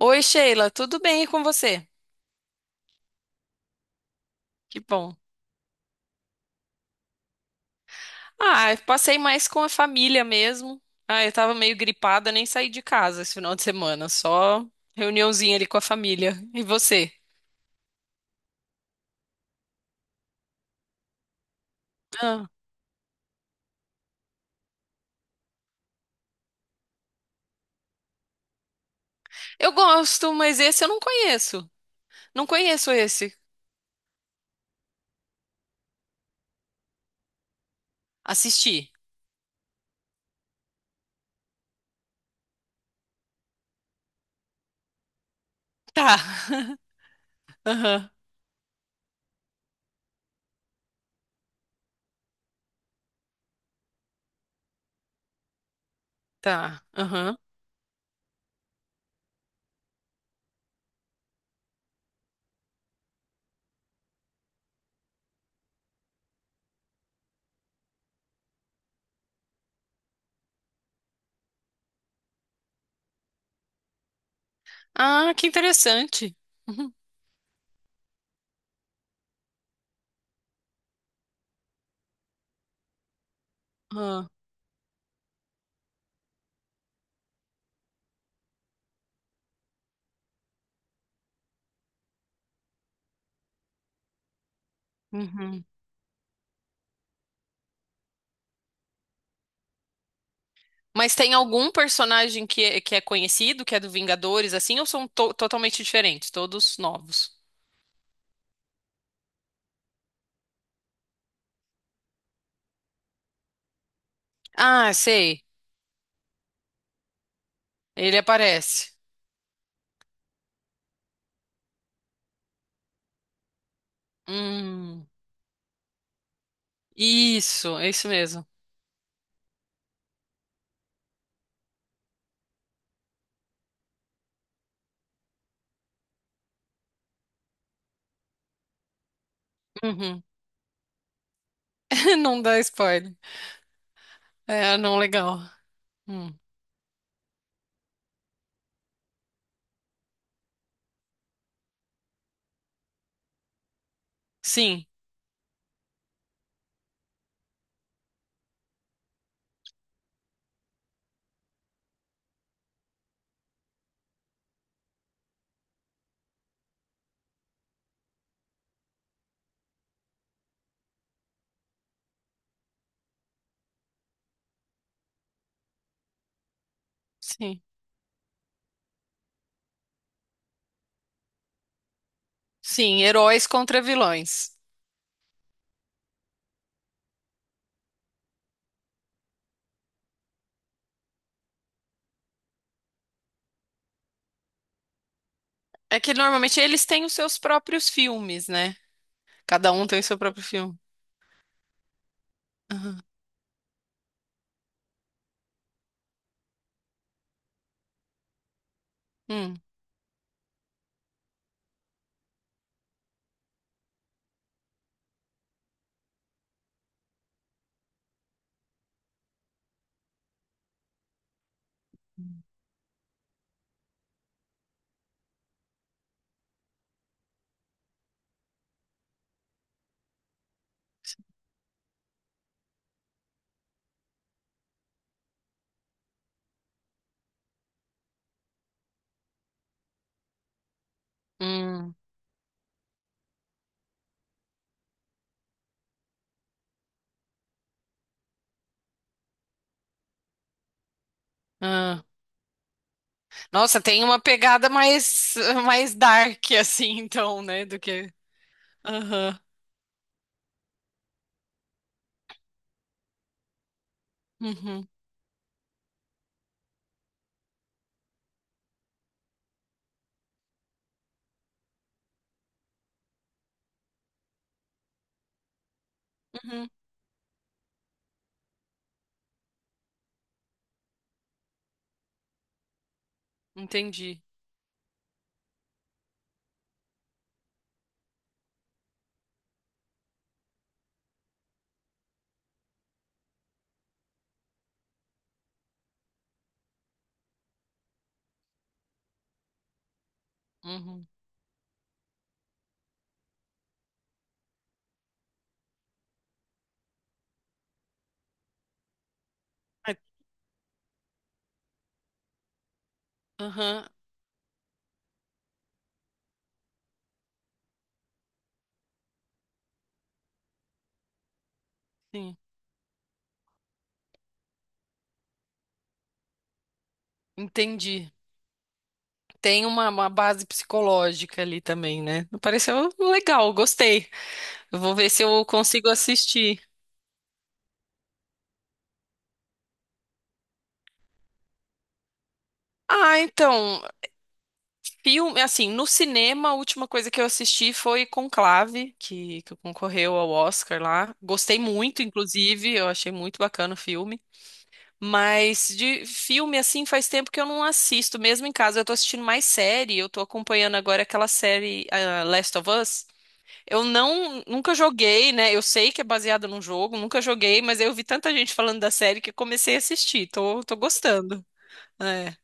Oi, Sheila, tudo bem e com você? Que bom. Ah, eu passei mais com a família mesmo. Ah, eu tava meio gripada, nem saí de casa esse final de semana, só reuniãozinha ali com a família. E você? Ah, eu gosto, mas esse eu não conheço. Não conheço esse. Assisti. Tá. Aham. Tá. Aham. Ah, que interessante. Uhum. Ah, uhum. Mas tem algum personagem que é conhecido, que é do Vingadores, assim, ou são totalmente diferentes, todos novos? Ah, sei. Ele aparece. Hum, isso, é isso mesmo. Uhum. Não dá spoiler. É, não legal. Hum. Sim, sim. Sim, heróis contra vilões. É que normalmente eles têm os seus próprios filmes, né? Cada um tem o seu próprio filme. Aham. Hum, hum, ah. Nossa, tem uma pegada mais, mais dark, assim, então, né? Do que. Aham. Uhum. Uhum. Entendi. Uhum. Ah, aham. Sim. Entendi. Tem uma base psicológica ali também, né? Pareceu legal, gostei. Eu vou ver se eu consigo assistir. Ah, então, filme, assim, no cinema, a última coisa que eu assisti foi Conclave, que concorreu ao Oscar lá. Gostei muito, inclusive, eu achei muito bacana o filme. Mas de filme, assim, faz tempo que eu não assisto, mesmo em casa. Eu tô assistindo mais série, eu tô acompanhando agora aquela série, ah, Last of Us. Eu não, nunca joguei, né? Eu sei que é baseada num jogo, nunca joguei, mas eu vi tanta gente falando da série que comecei a assistir. Tô, tô gostando. É.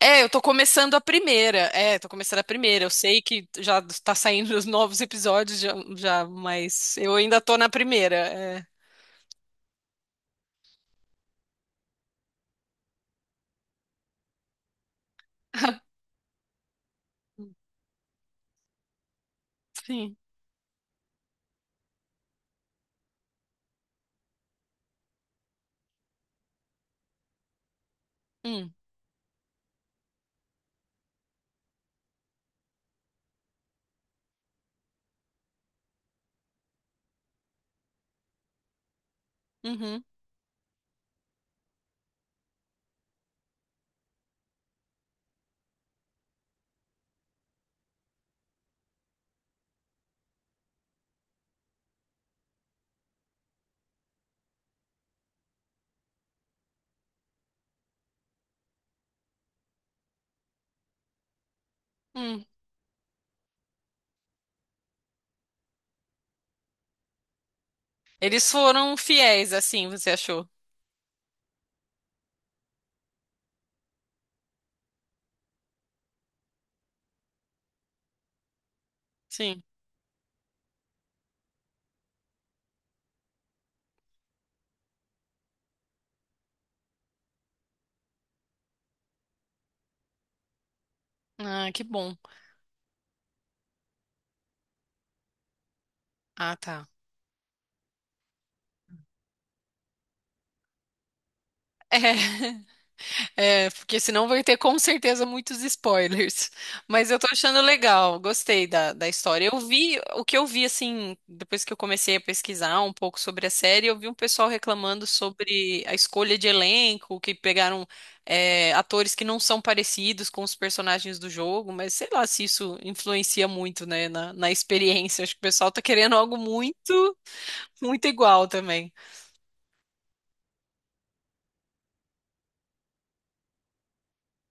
É, eu tô começando a primeira. É, tô começando a primeira. Eu sei que já tá saindo os novos episódios já, já, mas eu ainda tô na primeira. É. Sim. Hum, uhum, hum. Eles foram fiéis, assim, você achou? Sim. Ah, que bom. Ah, tá. É. É, porque senão vai ter com certeza muitos spoilers. Mas eu tô achando legal, gostei da, da história. Eu vi, o que eu vi, assim, depois que eu comecei a pesquisar um pouco sobre a série, eu vi um pessoal reclamando sobre a escolha de elenco, que pegaram, é, atores que não são parecidos com os personagens do jogo, mas sei lá se isso influencia muito, né, na, na experiência. Acho que o pessoal tá querendo algo muito, muito igual também.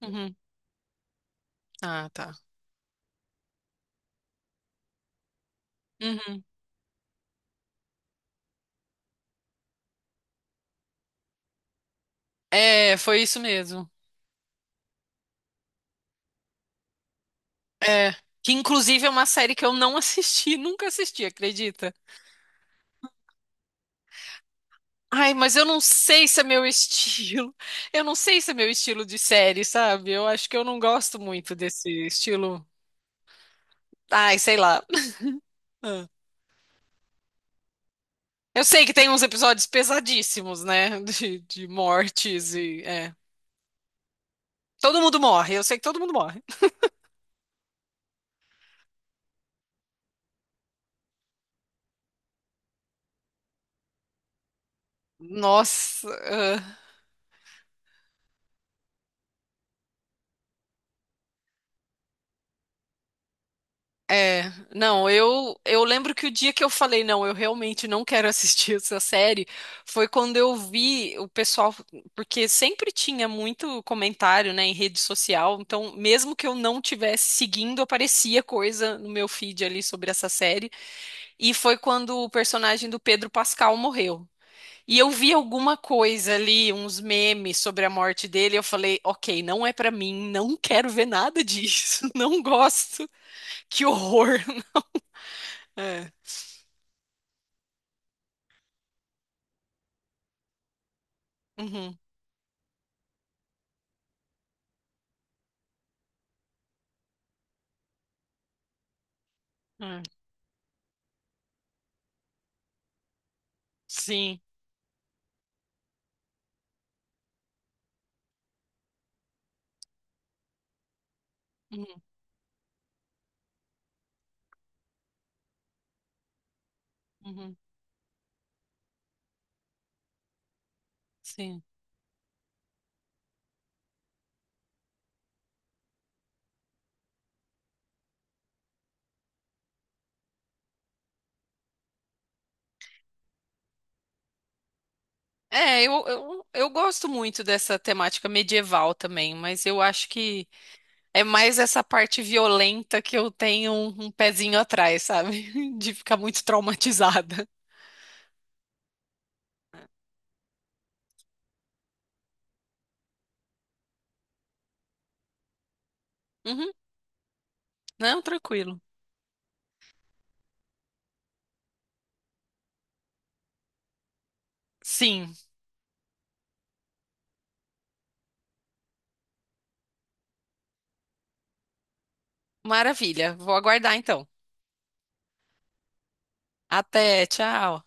Uhum. Ah, tá. Uhum. É, foi isso mesmo. É, que inclusive é uma série que eu não assisti, nunca assisti, acredita? Ai, mas eu não sei se é meu estilo. Eu não sei se é meu estilo de série, sabe? Eu acho que eu não gosto muito desse estilo. Ai, sei lá. Ah. Eu sei que tem uns episódios pesadíssimos, né? De mortes e. É. Todo mundo morre, eu sei que todo mundo morre. Nossa. É, não, eu lembro que o dia que eu falei, não, eu realmente não quero assistir essa série, foi quando eu vi o pessoal, porque sempre tinha muito comentário, né, em rede social, então mesmo que eu não tivesse seguindo, aparecia coisa no meu feed ali sobre essa série, e foi quando o personagem do Pedro Pascal morreu. E eu vi alguma coisa ali, uns memes sobre a morte dele, eu falei, ok, não é pra mim, não quero ver nada disso, não gosto, que horror. É. Uhum, é. Sim. Uhum, uhum, sim. É, eu gosto muito dessa temática medieval também, mas eu acho que é mais essa parte violenta que eu tenho um, um pezinho atrás, sabe? De ficar muito traumatizada. Uhum, não, tranquilo. Sim, maravilha. Vou aguardar então. Até, tchau.